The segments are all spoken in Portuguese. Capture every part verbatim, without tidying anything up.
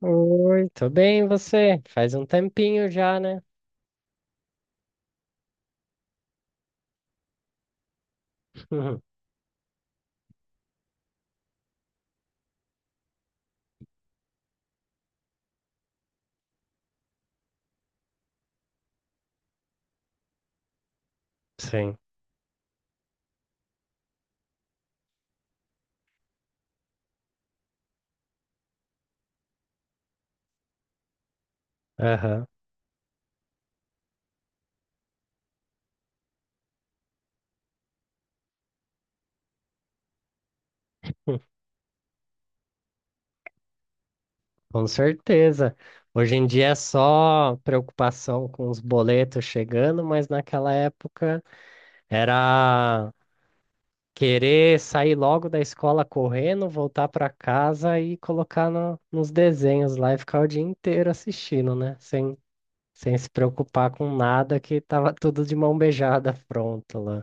Oi, tô bem, e você? Faz um tempinho já, né? Sim. Aham. Com certeza. Hoje em dia é só preocupação com os boletos chegando, mas naquela época era querer sair logo da escola correndo, voltar pra casa e colocar no- nos desenhos lá e ficar o dia inteiro assistindo, né? Sem, sem se preocupar com nada, que tava tudo de mão beijada pronto lá.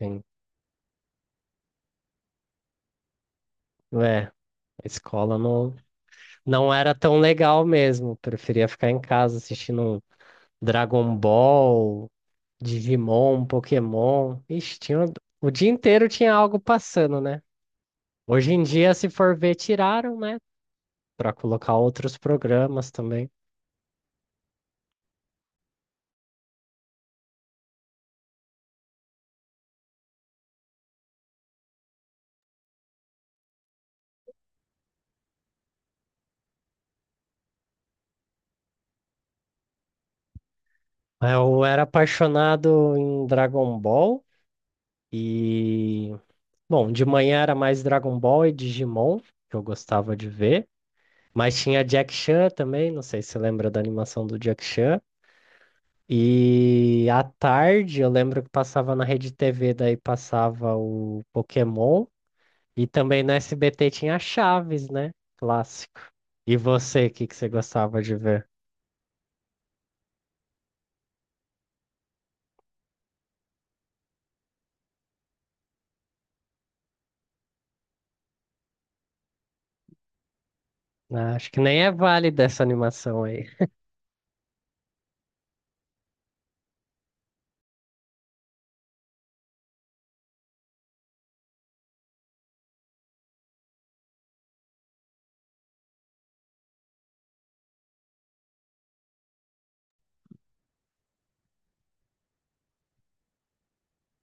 Sim. É, a escola não. não era tão legal mesmo. Preferia ficar em casa assistindo Dragon Ball, Digimon, Pokémon. Ixi, tinha o dia inteiro tinha algo passando, né? Hoje em dia, se for ver, tiraram, né? Pra colocar outros programas também. Eu era apaixonado em Dragon Ball e. Bom, de manhã era mais Dragon Ball e Digimon, que eu gostava de ver. Mas tinha Jack Chan também, não sei se você lembra da animação do Jack Chan. E à tarde eu lembro que passava na Rede T V, daí passava o Pokémon. E também no S B T tinha Chaves, né? Clássico. E você, o que que você gostava de ver? Ah, acho que nem é válida essa animação aí.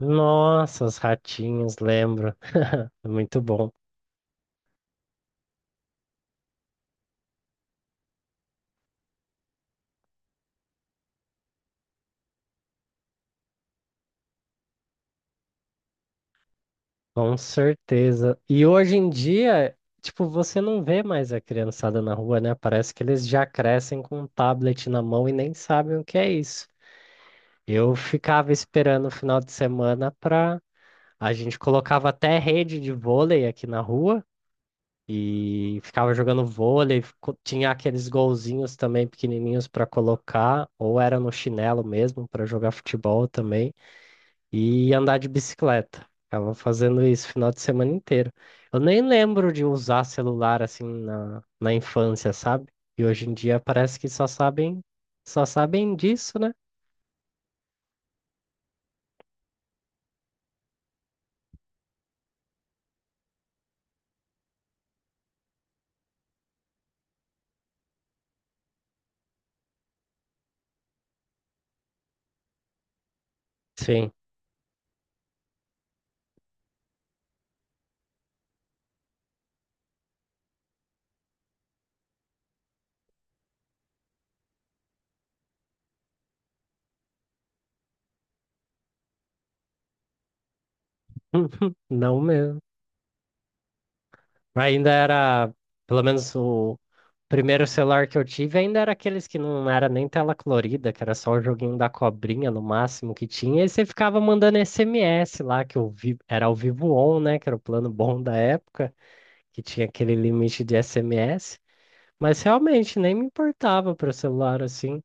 Nossa, os ratinhos, lembro. Muito bom, com certeza. E hoje em dia, tipo, você não vê mais a criançada na rua, né? Parece que eles já crescem com um tablet na mão e nem sabem o que é isso. Eu ficava esperando o final de semana pra. A gente colocava até rede de vôlei aqui na rua e ficava jogando vôlei. co- Tinha aqueles golzinhos também pequenininhos pra colocar, ou era no chinelo mesmo pra jogar futebol também e andar de bicicleta. Ficava fazendo isso o final de semana inteiro. Eu nem lembro de usar celular assim na, na infância, sabe? E hoje em dia parece que só sabem, só sabem disso, né? Sim. Não mesmo. Ainda era, pelo menos o primeiro celular que eu tive, ainda era aqueles que não era nem tela colorida, que era só o joguinho da cobrinha no máximo que tinha, e você ficava mandando S M S lá, que eu vi, era o Vivo On, né, que era o plano bom da época, que tinha aquele limite de S M S, mas realmente nem me importava para celular assim.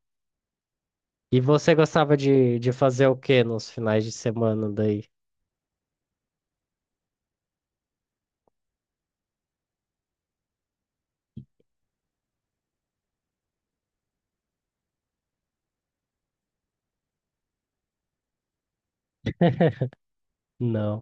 E você gostava de, de fazer o que nos finais de semana daí? Não.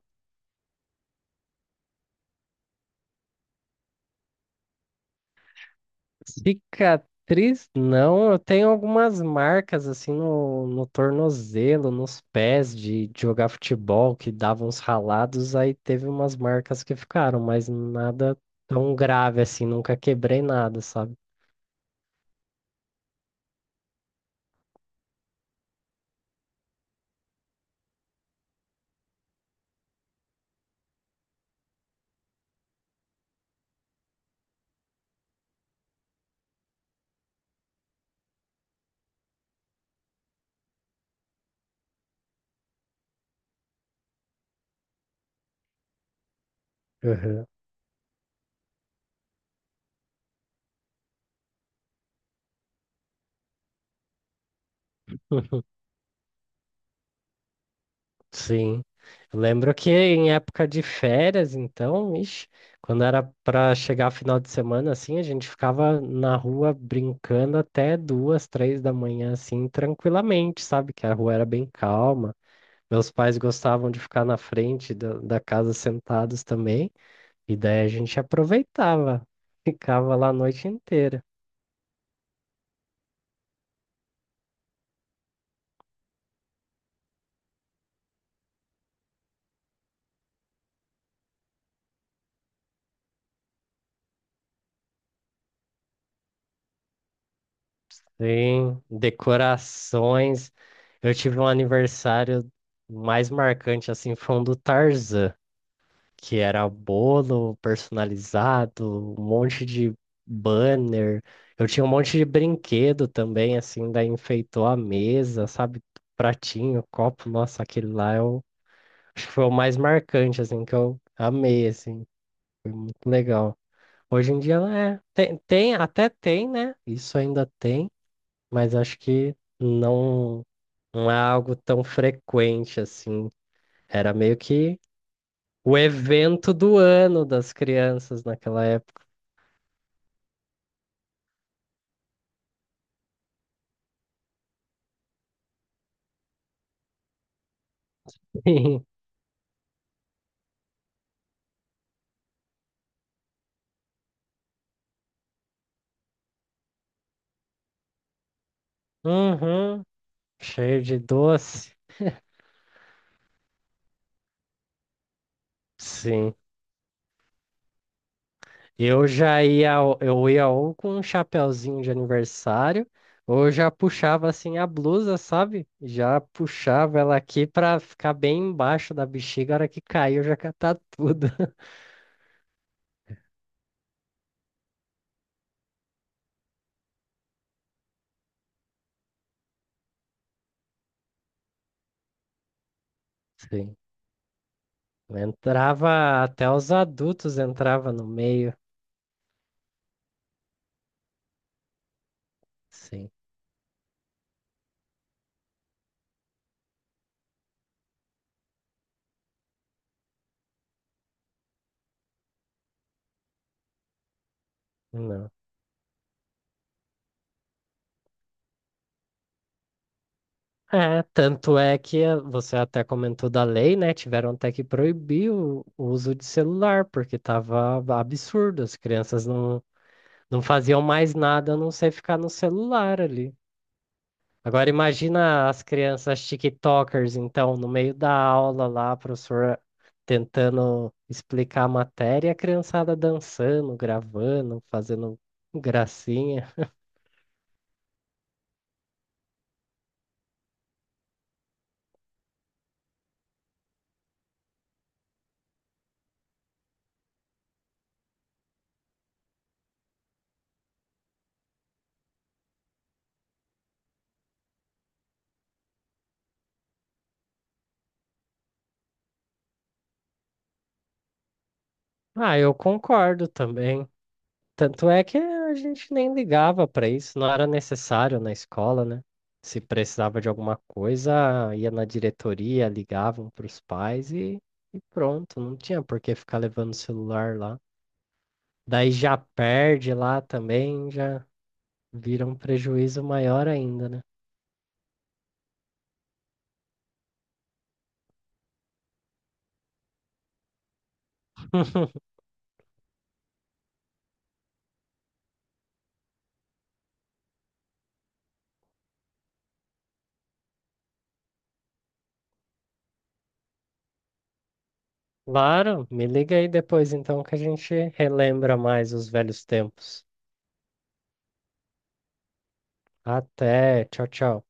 Cicatriz? Não, eu tenho algumas marcas assim no, no tornozelo, nos pés de, de jogar futebol que davam uns ralados, aí teve umas marcas que ficaram, mas nada tão grave assim, nunca quebrei nada, sabe? Uhum. Sim. Eu lembro que em época de férias, então, ixi, quando era para chegar final de semana, assim, a gente ficava na rua brincando até duas, três da manhã, assim, tranquilamente, sabe? Que a rua era bem calma. Meus pais gostavam de ficar na frente da, da casa sentados também, e daí a gente aproveitava, ficava lá a noite inteira. Sim, decorações. Eu tive um aniversário mais marcante, assim, foi um do Tarzan, que era bolo personalizado, um monte de banner. Eu tinha um monte de brinquedo também, assim, daí enfeitou a mesa, sabe? Pratinho, copo, nossa, aquele lá eu acho que foi o mais marcante, assim, que eu amei, assim, muito legal. Hoje em dia, é, tem, tem, até tem, né? Isso ainda tem, mas acho que não, não é algo tão frequente, assim. Era meio que o evento do ano das crianças naquela época. Sim. Uhum. Cheio de doce. Sim. Eu já ia, ou- eu ia ou com um chapeuzinho de aniversário, ou eu já puxava assim a blusa, sabe? Já puxava ela aqui pra ficar bem embaixo da bexiga. A hora que caiu, já catar tudo. Sim. Entrava, até os adultos entrava no meio. Sim. Não. É, tanto é que eh, você até comentou da lei, né? Tiveram até que proibir o, o uso de celular, porque tava absurdo, as crianças não, não faziam mais nada a não ser ficar no celular ali. Agora imagina as crianças TikTokers, então, no meio da aula lá, a professora tentando explicar a matéria, e a criançada dançando, gravando, fazendo gracinha. Ah, eu concordo também. Tanto é que a gente nem ligava para isso, não era necessário na escola, né? Se precisava de alguma coisa, ia na diretoria, ligavam para os pais e, e pronto, não tinha por que ficar levando o celular lá. Daí já perde lá também, já vira um prejuízo maior ainda, né? Claro, me liga aí depois então que a gente relembra mais os velhos tempos. Até, tchau, tchau.